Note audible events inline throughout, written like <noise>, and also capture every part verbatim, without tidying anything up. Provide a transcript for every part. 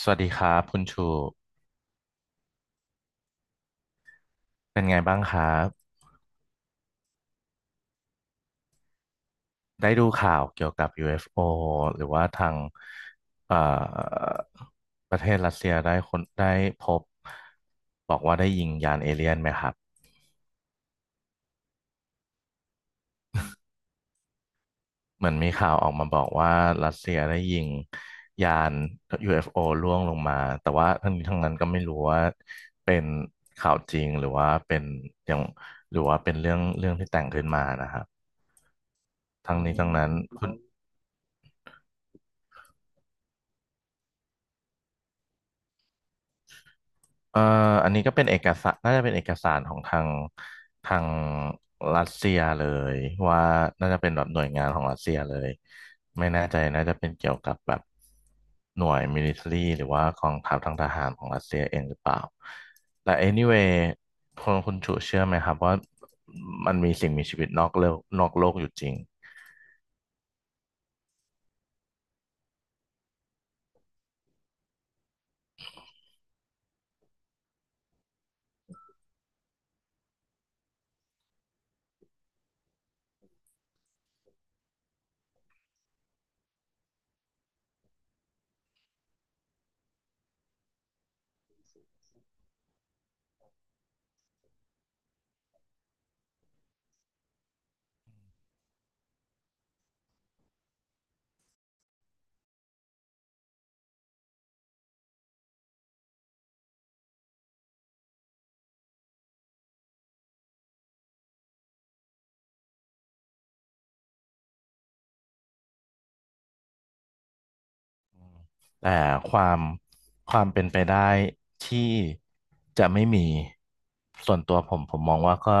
สวัสดีครับคุณชูเป็นไงบ้างครับได้ดูข่าวเกี่ยวกับ ยู เอฟ โอ หรือว่าทางเอ่อประเทศรัสเซียได้คนได้พบบอกว่าได้ยิงยานเอเลี่ยนไหมครับเหมือนมีข่าวออกมาบอกว่ารัสเซียได้ยิงยาน ยู เอฟ โอ ล่วงลงมาแต่ว่าทั้งนี้ทั้งนั้นก็ไม่รู้ว่าเป็นข่าวจริงหรือว่าเป็นอย่างหรือว่าเป็นเรื่องเรื่องที่แต่งขึ้นมานะครับทั้งนี้ทั้งนั้น เอ่ออันนี้ก็เป็นเอกสารน่าจะเป็นเอกสารของทางทางรัสเซียเลยว่าน่าจะเป็นแบบหน่วยงานของรัสเซียเลยไม่แน่ใจน่าจะเป็นเกี่ยวกับแบบหน่วยมิลิเตอรี่หรือว่ากองทัพทางทหารของรัสเซียเองหรือเปล่าแต่ anyway คนคุณชูเชื่อไหมครับว่ามันมีสิ่งมีชีวิตนอกโลกนอกโลกอยู่จริง แต่ความความเป็นไปได้ที่จะไม่มีส่วนตัวผมผมมองว่าก็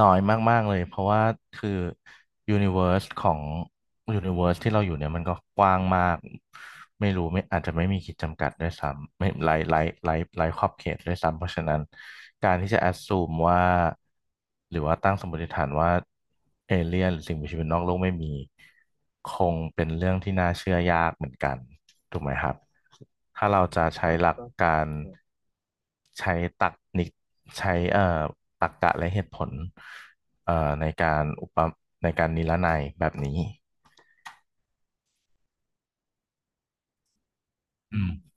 น้อยมากๆเลยเพราะว่าคือยูนิเวอร์สของยูนิเวอร์สที่เราอยู่เนี่ยมันก็กว้างมากไม่รู้ไม่อาจจะไม่มีขีดจำกัดด้วยซ้ำไม่ไร้ไร้ไร้ไร้ขอบเขตด้วยซ้ำเพราะฉะนั้นการที่จะแอ s ซูมว่าหรือว่าตั้งสมมติฐานว่าเอเลี่ยนหรือสิ่งมีชีวิตนอกโลกไม่มี คงเป็นเรื่องที่น่าเชื่อยากเหมือนกันถูกไหมครับถ้าเราจะใช้หลักการใช้ตรรกนิกใช้เอ่อตรรกะและเหตุผลเอ่อในการอุปในการนิรนัยแบบนี้อืม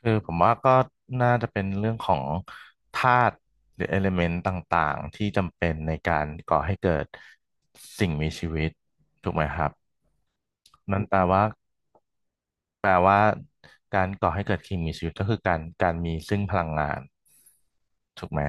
คือผมว่าก็น่าจะเป็นเรื่องของธาตุหรือเอลิเมนต์ต่างๆที่จำเป็นในการก่อให้เกิดสิ่งมีชีวิตถูกไหมครับนั่นแปลว่า แปลว่าการก่อให้เกิดสิ่งมีชีวิตก็คือการการมีซึ่งพลังงานถูกไหม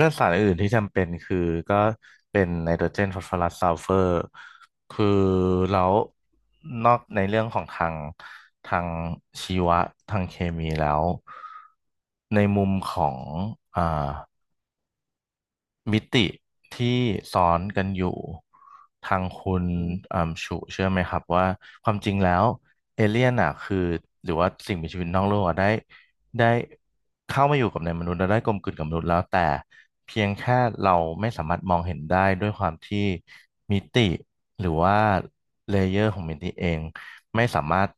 ก็สารอื่นที่จำเป็นคือก็เป็นไนโตรเจนฟอสฟอรัสซัลเฟอร์คือแล้วนอกในเรื่องของทางทางชีวะทางเคมีแล้วในมุมของอ่า มิติที่ซ้อนกันอยู่ทางคุณอืมชูเชื่อไหมครับว่าความจริงแล้วเอเลี่ยนอ่ะคือหรือว่าสิ่งมีชีวิตนอกโลกอ่ะได้ได้เข้ามาอยู่กับในมนุษย์แล้วได้กลมกลืนกับมนุษย์แล้วแต่เพียงแค่เราไม่สามารถมองเห็นได้ด้วยความที่มิติหรือว่าเลเยอร์ของมิติเอง ไม่สามารถ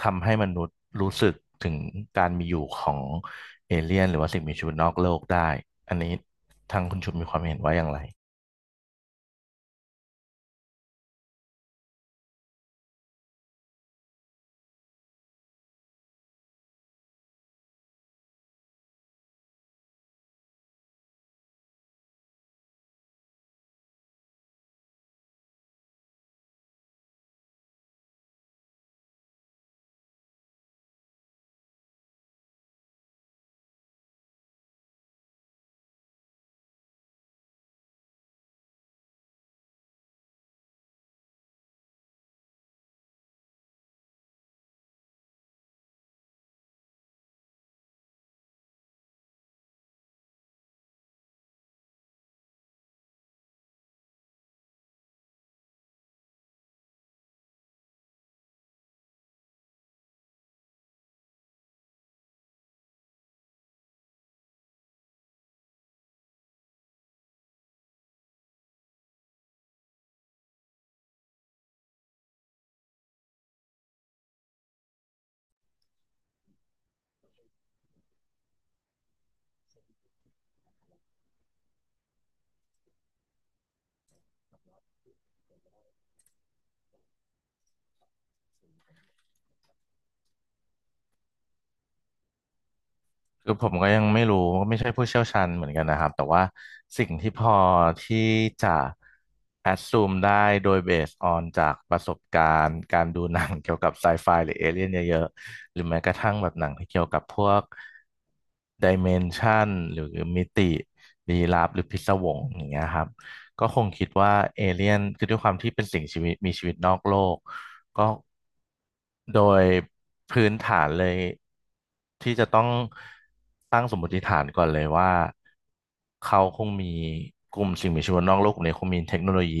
ทำให้มนุษย์รู้สึกถึงการมีอยู่ของเอเลี่ยนหรือว่าสิ่งมีชีวิตนอกโลกได้ อันนี้ทางคุณชุมมีความเห็นว่าอย่างไรคือผมก็ยังไม่รู้ก็ไม่ใช่ผู้เชี่ยวชาญเหมือนกันนะครับ แต่ว่าสิ่งที่พอที่จะ assume ได้โดย based on จากประสบการณ์การดูหนังเกี่ยวกับไซไฟหรือเอเลี่ยนเยอะๆหรือแม้กระทั่งแบบหนังที่เกี่ยวกับพวก dimension หรือมิติลี้ลับหรือพิศวงอย่างเงี้ยครับ ก็คงคิดว่าเอเลี่ยนคือด้วยความที่เป็นสิ่งชีวิตมีชีวิตนอกโลกก็โดยพื้นฐานเลยที่จะต้องตั้งสมมติฐานก่อนเลยว่าเขาคงมีกลุ่มสิ่งมีชีวิตนอกโลกกลุ่มนี้คงมีเทคโนโลยี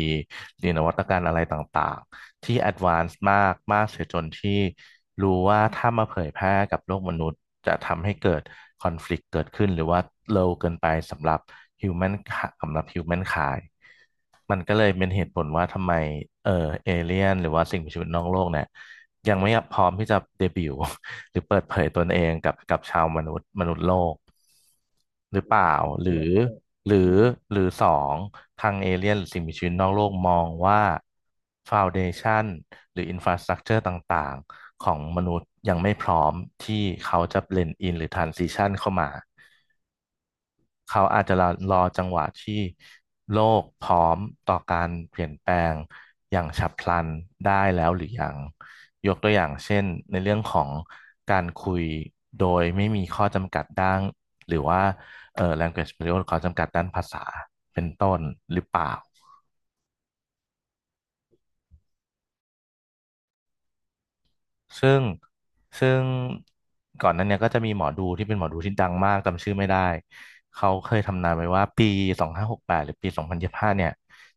หรือนวัตกรรมอะไรต่างๆที่แอดวานซ์มากมากเสียจนที่รู้ว่าถ้ามาเผยแพร่กับโลกมนุษย์จะทำให้เกิดคอนฟ lict เกิดขึ้นหรือว่า low เกินไปสำหรับ human สำหรับ human คาย มันก็เลยเป็นเหตุผลว่าทำไมเออเอเลี่ยนหรือว่าสิ่งมีชีวิตนอกโลกเนี่ยยังไม่พร้อมที่จะเดบิวต์ <laughs> หรือเปิดเผยตนเองกับกับชาวมนุษย์มนุษย์โลกหรือเปล่าหรือหรือหรือสองทางเอเลี่ยนหรือสิ่งมีชีวิตนอกโลกมองว่าฟ u วเดชันหรืออินฟราสตรักเจอร์ต่างๆของมนุษย์ยังไม่พร้อมที่เขาจะเบลนด์อินหรือทรานซิชันเข้ามา เขาอาจจะรอรอจังหวะที่โลกพร้อมต่อการเปลี่ยนแปลงอย่างฉับพลันได้แล้วหรือยังยกตัวอย่างเช่นในเรื่องของการคุยโดยไม่มีข้อจำกัดด้านหรือว่าเอ่อ language barrier ข้อจำกัดด้านภาษาเป็นต้นหรือเปล่า ซึ่งซึ่งก่อนหนั้นเนี่ยก็จะมีหมอดูที่เป็นหมอดูที่ดังมากจำชื่อไม่ได้เขาเคยทำนายไว้ว่าปีสองพันห้าร้อยหกสิบแปดหรือปีสองพันยี่สิบห้าเนี่ย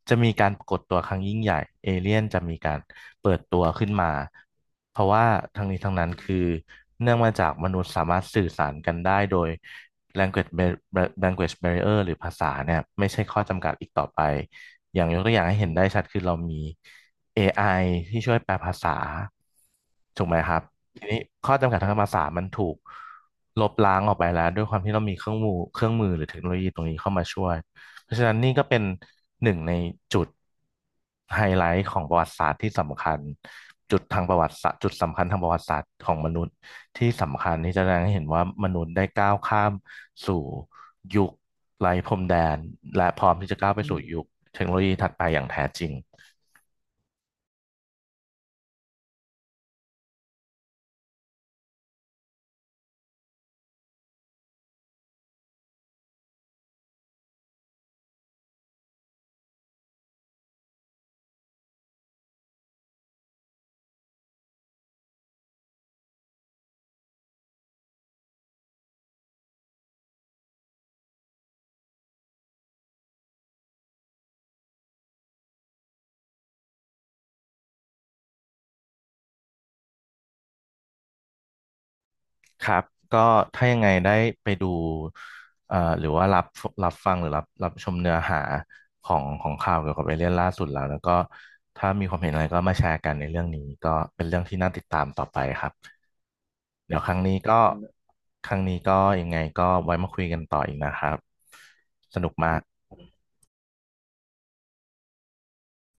จะมีการปรากฏตัวครั้งยิ่งใหญ่เอเลี่ยนจะมีการเปิดตัวขึ้นมาเพราะว่าทั้งนี้ทั้งนั้นคือเนื่องมาจากมนุษย์สามารถสื่อสารกันได้โดย language bar- bar- language barrier หรือภาษาเนี่ยไม่ใช่ข้อจำกัดอีกต่อไปอย่างยกตัวอย่างให้เห็นได้ชัดคือเรามี เอ ไอ ที่ช่วยแปลภาษาถูกไหมครับทีนี้ข้อจำกัดทางภาษามันถูกลบล้างออกไปแล้วด้วยความที่เรามีเครื่องมือเครื่องมือหรือเทคโนโลยีตรงนี้เข้ามาช่วยเพราะฉะนั้นนี่ก็เป็นหนึ่งในจุดไฮไลท์ของประวัติศาสตร์ที่สำคัญจุดทางประวัติศาสตร์จุดสำคัญทางประวัติศาสตร์ของมนุษย์ที่สำคัญที่จะแสดงให้เห็นว่ามนุษย์ได้ก้าวข้ามสู่ยุคไร้พรมแดนและพร้อมที่จะก้าวไปสู่ยุคเทคโนโลยีถัดไปอย่างแท้จริง ครับก็ถ้ายังไงได้ไปดูเอ่อหรือว่ารับรับฟังหรือรับรับชมเนื้อหาของของข่าวเกี่ยวกับเอเลี่ยนล่าสุดแล้วแล้วก็ถ้ามีความเห็นอะไรก็มาแชร์กันในเรื่องนี้ก็เป็นเรื่องที่น่าติดตามต่อไปครับเดี๋ยวครั้งนี้ก็ครั้งนี้ก็ยังไงก็ไว้มาคุยกันต่ออีกนะครับสนุกมาก